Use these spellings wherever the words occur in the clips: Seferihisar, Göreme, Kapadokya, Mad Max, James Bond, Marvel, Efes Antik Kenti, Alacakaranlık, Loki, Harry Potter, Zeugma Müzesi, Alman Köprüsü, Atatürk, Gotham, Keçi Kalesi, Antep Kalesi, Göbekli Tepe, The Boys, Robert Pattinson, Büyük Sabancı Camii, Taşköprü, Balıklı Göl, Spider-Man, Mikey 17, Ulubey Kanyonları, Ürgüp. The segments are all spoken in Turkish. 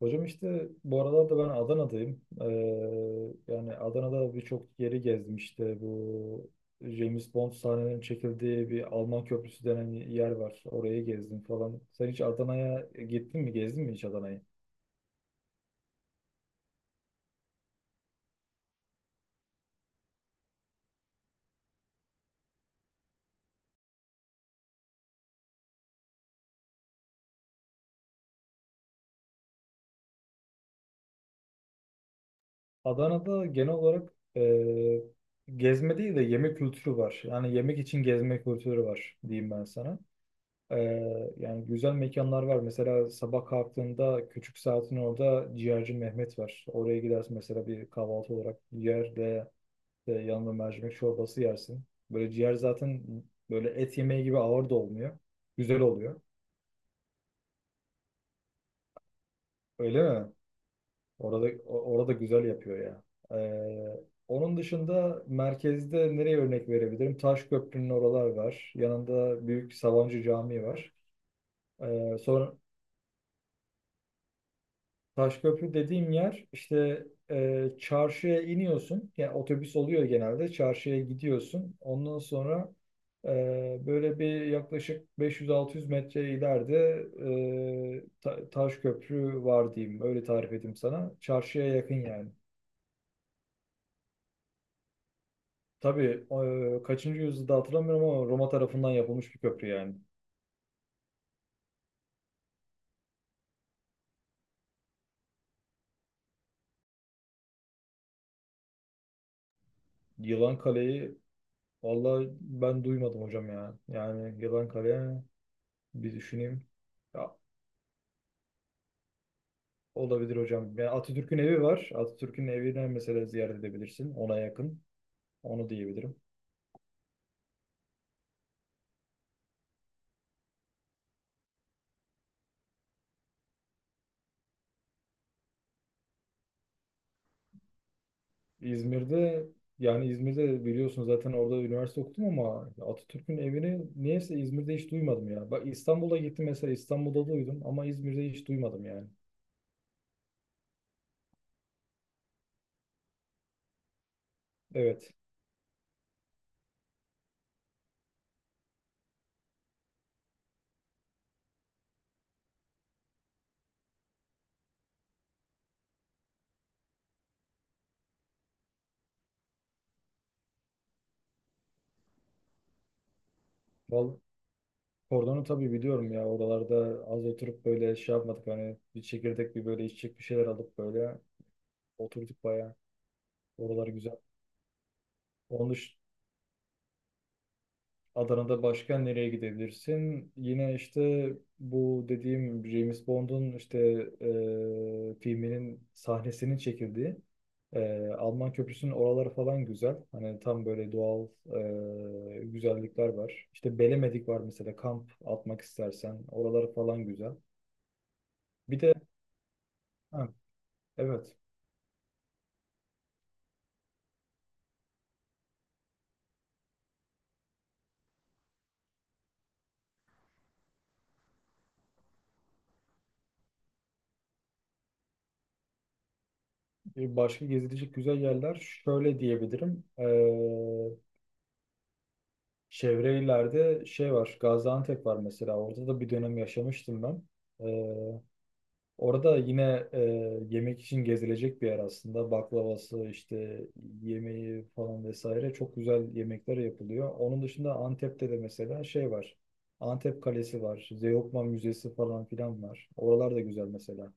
Hocam işte bu aralar da ben Adana'dayım. Yani Adana'da birçok yeri gezdim işte. Bu James Bond sahnelerinin çekildiği bir Alman Köprüsü denen yer var. Orayı gezdim falan. Sen hiç Adana'ya gittin mi? Gezdin mi hiç Adana'yı? Adana'da genel olarak gezme değil de yemek kültürü var. Yani yemek için gezme kültürü var diyeyim ben sana. Yani güzel mekanlar var. Mesela sabah kalktığında küçük saatin orada ciğerci Mehmet var. Oraya gidersin mesela bir kahvaltı olarak ciğerle yanında mercimek çorbası yersin. Böyle ciğer zaten böyle et yemeği gibi ağır da olmuyor. Güzel oluyor. Öyle mi? Orada orada güzel yapıyor ya. Ee, Onun dışında merkezde nereye örnek verebilirim? Taşköprü'nün oralar var. Yanında Büyük Sabancı Camii var. Sonra Taşköprü dediğim yer işte çarşıya iniyorsun. Yani otobüs oluyor genelde. Çarşıya gidiyorsun. Ondan sonra e, böyle bir yaklaşık 500-600 metre ileride Taşköprü var diyeyim. Öyle tarif edeyim sana. Çarşıya yakın yani. Tabii kaçıncı yüzyılda hatırlamıyorum ama Roma tarafından yapılmış bir köprü yani. Yılan Kale'yi vallahi ben duymadım hocam ya. Yani Yılan Kale bir düşüneyim. Ya olabilir hocam. Yani Atatürk'ün evi var. Atatürk'ün evine mesela ziyaret edebilirsin. Ona yakın. Onu diyebilirim. İzmir'de yani İzmir'de biliyorsun zaten orada üniversite okudum ama Atatürk'ün evini niyeyse İzmir'de hiç duymadım ya. Bak İstanbul'a gittim mesela İstanbul'da duydum ama İzmir'de hiç duymadım yani. Evet. Vallahi Kordonu tabii biliyorum ya. Oralarda az oturup böyle şey yapmadık. Hani bir çekirdek bir böyle içecek bir şeyler alıp böyle oturduk bayağı. Oralar güzel. Onun dışında Adana'da başka nereye gidebilirsin? Yine işte bu dediğim James Bond'un işte filminin sahnesinin çekildiği Alman Köprüsü'nün oraları falan güzel. Hani tam böyle doğal güzellikler var. İşte Belemedik var mesela kamp atmak istersen. Oraları falan güzel. Bir de ha, evet. Başka gezilecek güzel yerler şöyle diyebilirim. Çevre illerde şey var. Gaziantep var mesela. Orada da bir dönem yaşamıştım ben. Ee, Orada yine yemek için gezilecek bir yer aslında. Baklavası işte yemeği falan vesaire çok güzel yemekler yapılıyor. Onun dışında Antep'te de mesela şey var. Antep Kalesi var. Zeugma Müzesi falan filan var. Oralar da güzel mesela.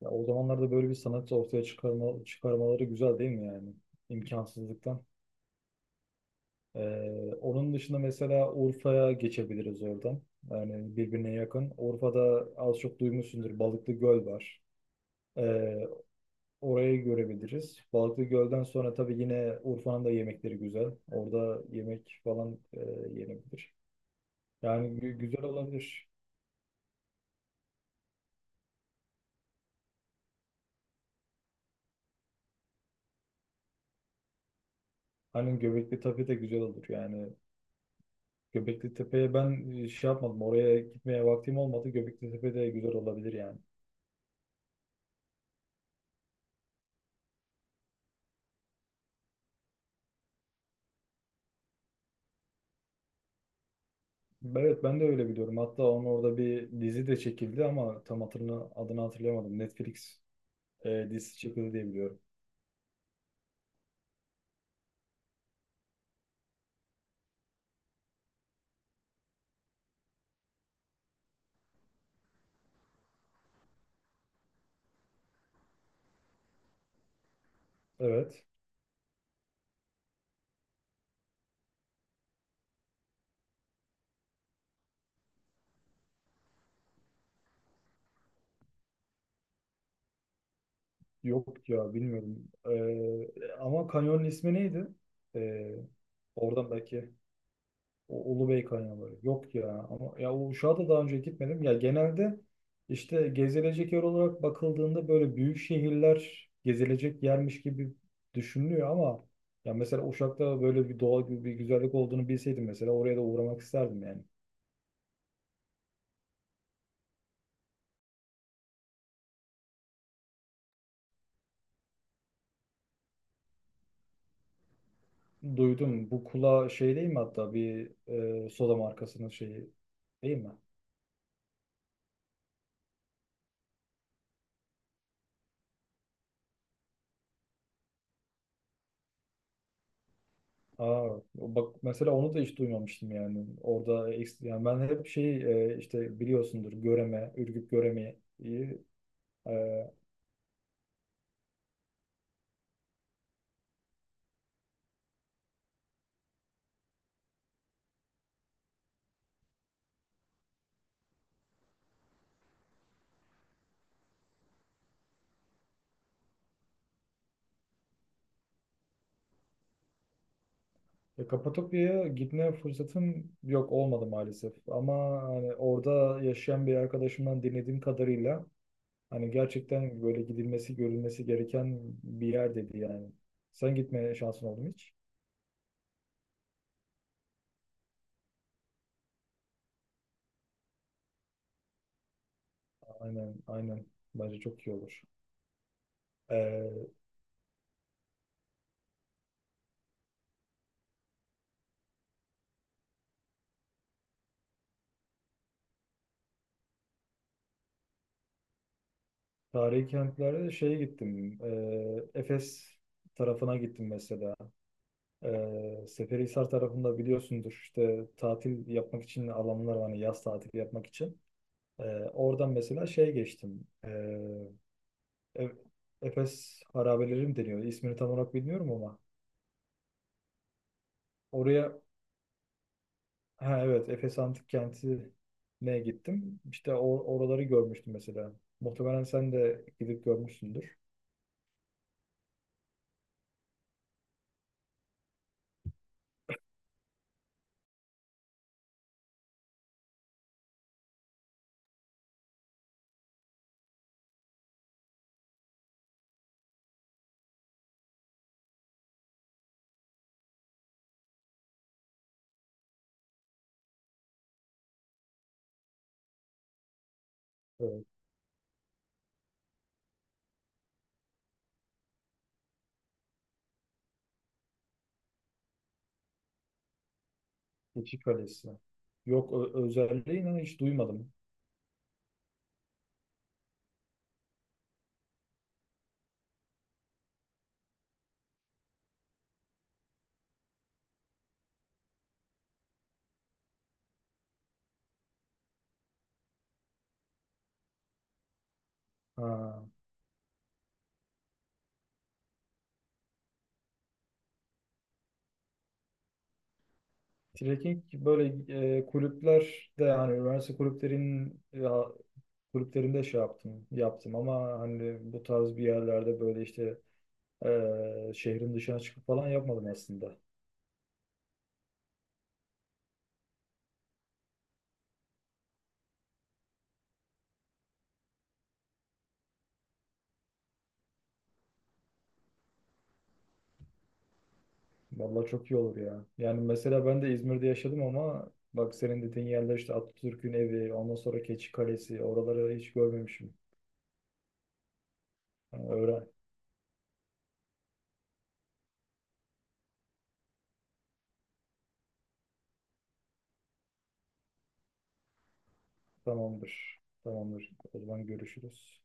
Ya o zamanlarda böyle bir sanat ortaya çıkarmaları güzel değil mi yani? İmkansızlıktan. Onun dışında mesela Urfa'ya geçebiliriz oradan. Yani birbirine yakın. Urfa'da az çok duymuşsundur Balıklı Göl var. Ee, Orayı görebiliriz. Balıklı Göl'den sonra tabii yine Urfa'nın da yemekleri güzel. Orada yemek falan yenebilir. Yani güzel olabilir. Hani Göbekli Tepe de güzel olur yani. Göbekli Tepe'ye ben şey yapmadım. Oraya gitmeye vaktim olmadı. Göbekli Tepe de güzel olabilir yani. Evet, ben de öyle biliyorum. Hatta onun orada bir dizi de çekildi ama tam hatırını, adını hatırlayamadım. Netflix dizisi çekildi diye biliyorum. Evet. Yok ya, bilmiyorum. E, ama kanyonun ismi neydi? E, oradan belki. O Ulubey Kanyonları. Yok ya. Ama ya Uşak'a da daha önce gitmedim. Ya genelde işte gezilecek yer olarak bakıldığında böyle büyük şehirler gezilecek yermiş gibi düşünülüyor ama ya mesela Uşak'ta böyle bir doğal bir güzellik olduğunu bilseydim mesela oraya da uğramak isterdim yani. Duydum. Bu kula şey değil mi, hatta bir soda markasının şeyi değil mi? Aa, bak mesela onu da hiç duymamıştım yani. Orada yani ben hep şey işte biliyorsundur Göreme, Ürgüp Göreme'yi. Ee, Kapadokya'ya gitme fırsatım yok, olmadı maalesef. Ama hani orada yaşayan bir arkadaşımdan dinlediğim kadarıyla hani gerçekten böyle gidilmesi, görülmesi gereken bir yer dedi yani. Sen gitmeye şansın oldu mu hiç? Aynen, aynen. Bence çok iyi olur. Ee, Tarihi kentlere şeye gittim. Efes tarafına gittim mesela. Seferihisar tarafında biliyorsundur işte tatil yapmak için alanlar var, hani yaz tatili yapmak için. Ee, Oradan mesela şey geçtim. E- Efes harabeleri mi deniyor? İsmini tam olarak bilmiyorum ama. Oraya, ha evet, Efes Antik Kenti'ne gittim. İşte oraları görmüştüm mesela. Muhtemelen sen de gidip görmüşsündür. Evet. Keçi Kalesi. Yok, özelliği inan hiç duymadım. Ha. Trekking böyle kulüplerde yani üniversite kulüplerin ya, kulüplerinde şey yaptım ama hani bu tarz bir yerlerde böyle işte. Şehrin dışına çıkıp falan yapmadım aslında. Vallahi çok iyi olur ya. Yani mesela ben de İzmir'de yaşadım ama bak senin dediğin yerler işte Atatürk'ün evi, ondan sonra Keçi Kalesi, oraları hiç görmemişim. Yani öğren. Tamamdır. Tamamdır. O zaman görüşürüz.